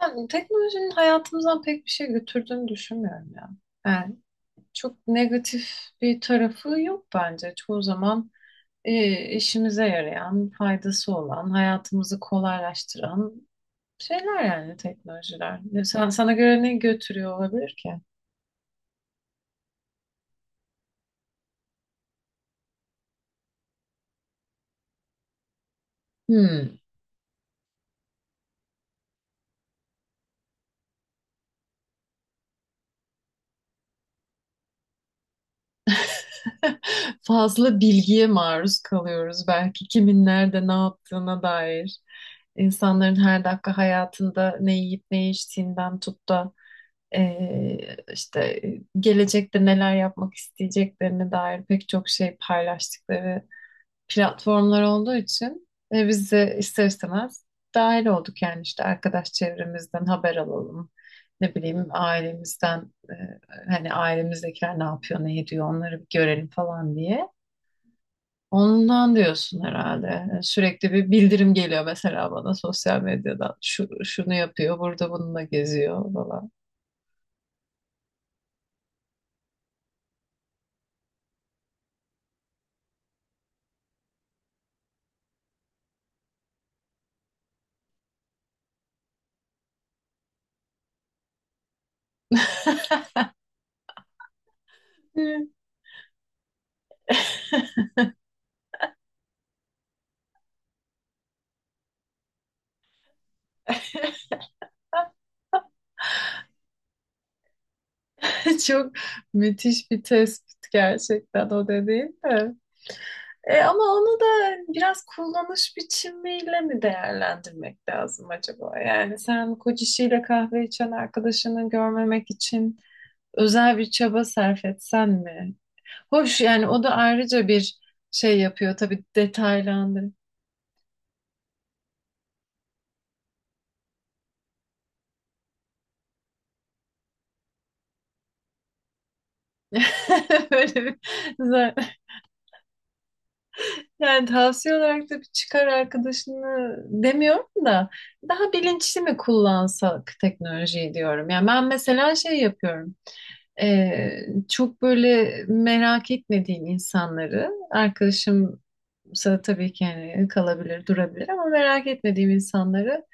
Ben teknolojinin hayatımızdan pek bir şey götürdüğünü düşünmüyorum ya. Yani çok negatif bir tarafı yok bence. Çoğu zaman işimize yarayan, faydası olan, hayatımızı kolaylaştıran şeyler yani teknolojiler. Sen, sana göre ne götürüyor olabilir ki? Hmm. Fazla bilgiye maruz kalıyoruz belki kimin nerede ne yaptığına dair. İnsanların her dakika hayatında ne yiyip ne içtiğinden tut da Ee, işte gelecekte neler yapmak isteyeceklerine dair pek çok şey paylaştıkları platformlar olduğu için biz de ister istemez dahil olduk yani işte arkadaş çevremizden haber alalım. Ne bileyim ailemizden hani ailemizdekiler ne yapıyor ne ediyor onları bir görelim falan diye. Ondan diyorsun herhalde. Yani sürekli bir bildirim geliyor mesela bana sosyal medyadan. Şunu yapıyor, burada bununla geziyor falan. Hı. Çok müthiş bir tespit gerçekten o dediğin de. Ama onu da biraz kullanış biçimiyle mi değerlendirmek lazım acaba? Yani sen kocasıyla kahve içen arkadaşını görmemek için özel bir çaba sarf etsen mi? Hoş yani o da ayrıca bir şey yapıyor tabii detaylandırıyor. Böyle bir Yani tavsiye olarak da bir çıkar arkadaşını demiyorum da daha bilinçli mi kullansak teknolojiyi diyorum. Yani ben mesela şey yapıyorum. Ee, Çok böyle merak etmediğim insanları arkadaşımsa tabii ki yani kalabilir, durabilir ama merak etmediğim insanları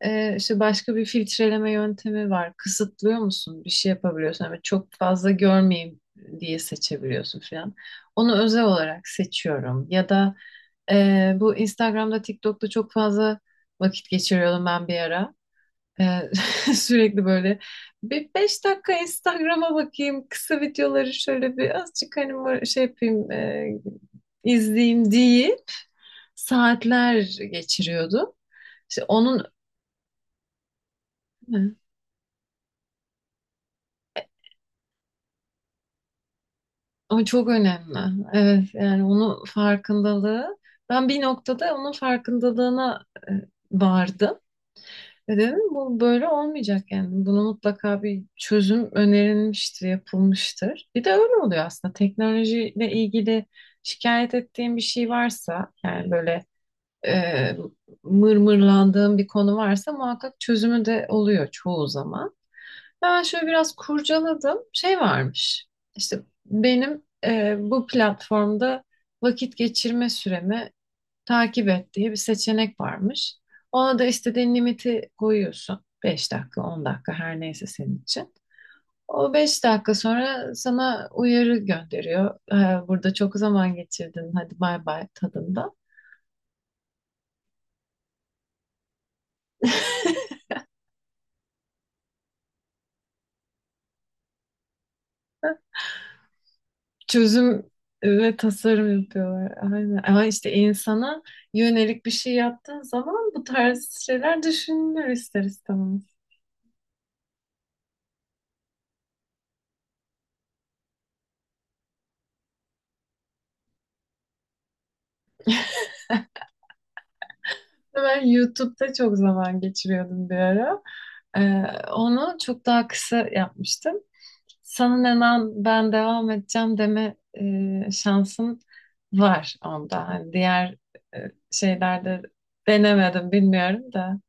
işte başka bir filtreleme yöntemi var. Kısıtlıyor musun? Bir şey yapabiliyorsun ama çok fazla görmeyeyim diye seçebiliyorsun falan. Onu özel olarak seçiyorum ya da bu Instagram'da, TikTok'ta çok fazla vakit geçiriyordum ben bir ara. Ee, sürekli böyle bir 5 dakika Instagram'a bakayım, kısa videoları şöyle bir azıcık hani böyle şey yapayım, izleyeyim deyip saatler geçiriyordum. İşte onun o çok önemli. Evet, yani onun farkındalığı. Ben bir noktada onun farkındalığına vardım. Ve dedim bu böyle olmayacak yani. Bunu mutlaka bir çözüm önerilmiştir, yapılmıştır. Bir de öyle oluyor aslında. Teknolojiyle ilgili şikayet ettiğim bir şey varsa yani böyle e, mırmırlandığım bir konu varsa muhakkak çözümü de oluyor çoğu zaman. Ben şöyle biraz kurcaladım. Şey varmış. İşte benim bu platformda vakit geçirme süremi takip et diye bir seçenek varmış. Ona da istediğin limiti koyuyorsun. Beş dakika, 10 dakika her neyse senin için. O 5 dakika sonra sana uyarı gönderiyor. Burada çok zaman geçirdin. Hadi bay bay" tadında. Çözüm ve tasarım yapıyorlar. Aynen. Ama işte insana yönelik bir şey yaptığın zaman bu tarz şeyler düşünülür ister istemez. Ben YouTube'da çok zaman geçiriyordum bir ara. Ee, Onu çok daha kısa yapmıştım. Sana hemen ben devam edeceğim deme şansın var onda. Hani diğer e, şeylerde denemedim bilmiyorum da.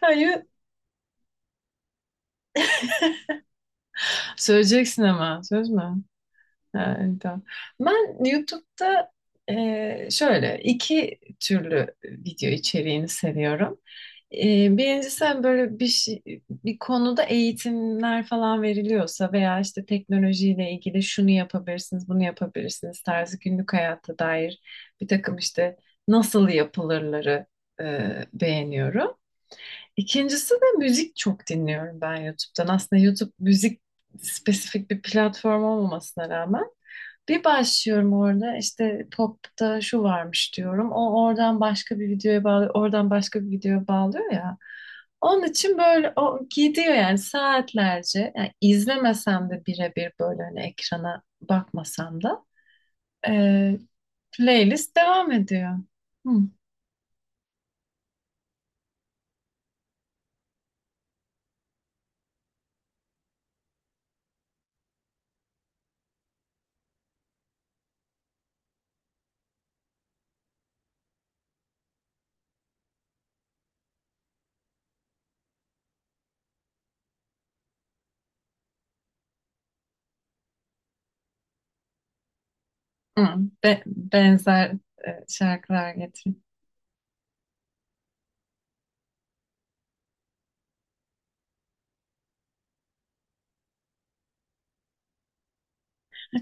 Hayır. Söyleyeceksin ama söz mü? Ha, tamam. Ben YouTube'da şöyle iki türlü video içeriğini seviyorum. E, birincisi hani böyle bir şey, bir konuda eğitimler falan veriliyorsa veya işte teknolojiyle ilgili şunu yapabilirsiniz, bunu yapabilirsiniz tarzı günlük hayata dair bir takım işte nasıl yapılırları beğeniyorum. İkincisi de müzik çok dinliyorum ben YouTube'dan. Aslında YouTube müzik spesifik bir platform olmamasına rağmen. Bir başlıyorum orada işte popta şu varmış diyorum. O oradan başka bir videoya bağlıyor, oradan başka bir videoya bağlıyor ya. Onun için böyle o gidiyor yani saatlerce. Yani izlemesem de birebir böyle hani ekrana bakmasam da e, playlist devam ediyor. Hı, hı. Benzer şarkılar getiriyor.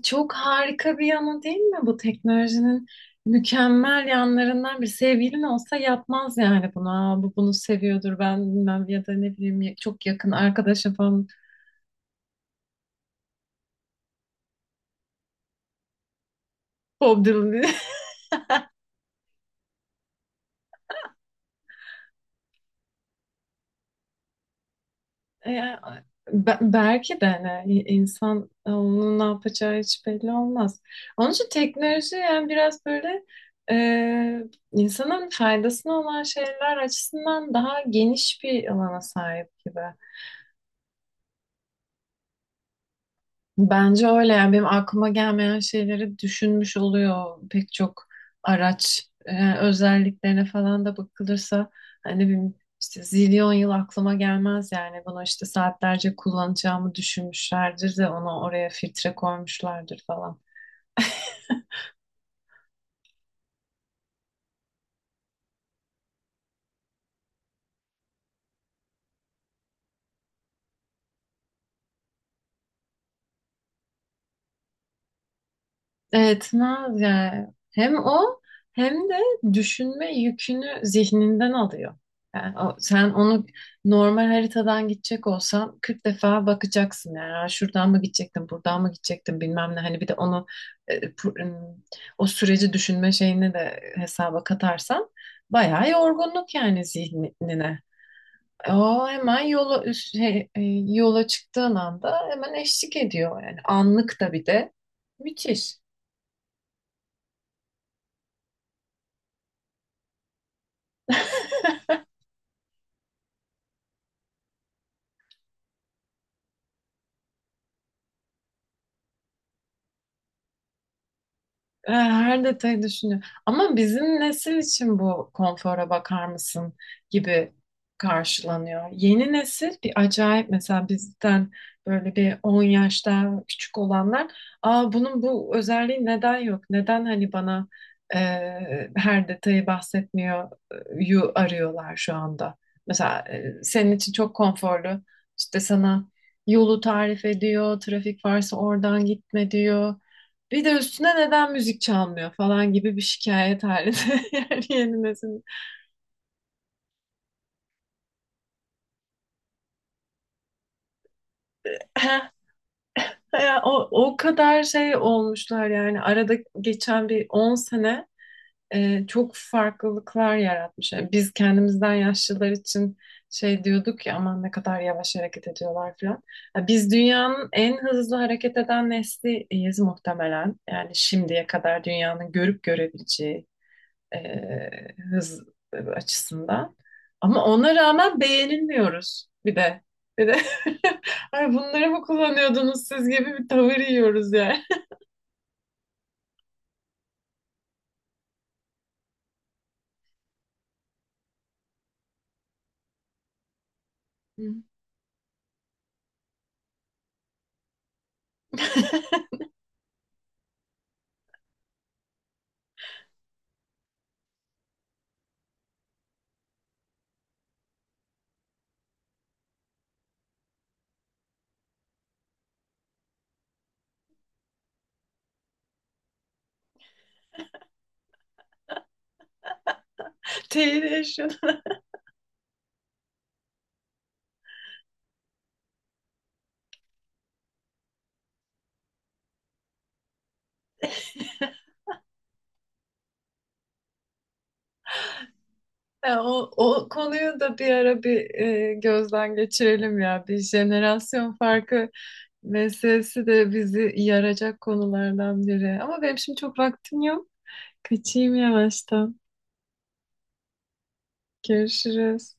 Çok harika bir yanı değil mi bu teknolojinin mükemmel yanlarından, bir sevgilin olsa yapmaz yani bunu. Aa, bu bunu seviyordur ben bilmem ya da ne bileyim çok yakın arkadaşım falan Bob Dylan'ı. E, belki de hani insan onun ne yapacağı hiç belli olmaz. Onun için teknoloji yani biraz böyle e, insanın faydasına olan şeyler açısından daha geniş bir alana sahip gibi. Bence öyle yani benim aklıma gelmeyen şeyleri düşünmüş oluyor pek çok araç özelliklerine falan da bakılırsa hani benim işte zilyon yıl aklıma gelmez yani bunu işte saatlerce kullanacağımı düşünmüşlerdir de ona oraya filtre koymuşlardır falan. Etmez yani. Hem o hem de düşünme yükünü zihninden alıyor. Yani sen onu normal haritadan gidecek olsan 40 defa bakacaksın yani "Aa, şuradan mı gidecektim, buradan mı gidecektim bilmem ne." Hani bir de onu e, pu- ım, o süreci düşünme şeyini de hesaba katarsan bayağı yorgunluk yani zihnine. O hemen yola üst- şey, e, yola çıktığın anda hemen eşlik ediyor yani anlık da bir de müthiş. E, her detayı düşünüyor. Ama bizim nesil için bu konfora bakar mısın gibi karşılanıyor. Yeni nesil bir acayip mesela bizden böyle bir 10 yaşta küçük olanlar, aa, bunun bu özelliği neden yok? Neden hani bana e, her detayı bahsetmiyor yu arıyorlar şu anda. Mesela senin için çok konforlu işte sana yolu tarif ediyor, trafik varsa oradan gitme diyor. Bir de üstüne neden müzik çalmıyor falan gibi bir şikayet halinde yani yeni nesil. Ya o kadar şey olmuşlar yani arada geçen bir 10 sene çok farklılıklar yaratmış. Yani biz kendimizden yaşlılar için şey diyorduk ya aman ne kadar yavaş hareket ediyorlar falan. Ya biz dünyanın en hızlı hareket eden nesliyiz muhtemelen. Yani şimdiye kadar dünyanın görüp görebileceği e, hız açısından. Ama ona rağmen beğenilmiyoruz bir de. Bir de ay bunları mı kullanıyordunuz siz gibi bir tavır yiyoruz yani. Teyit yaşadım. Ya o konuyu da bir ara bir gözden geçirelim ya. Bir jenerasyon farkı meselesi de bizi yaracak konulardan biri. Ama benim şimdi çok vaktim yok. Kaçayım yavaştan. Görüşürüz.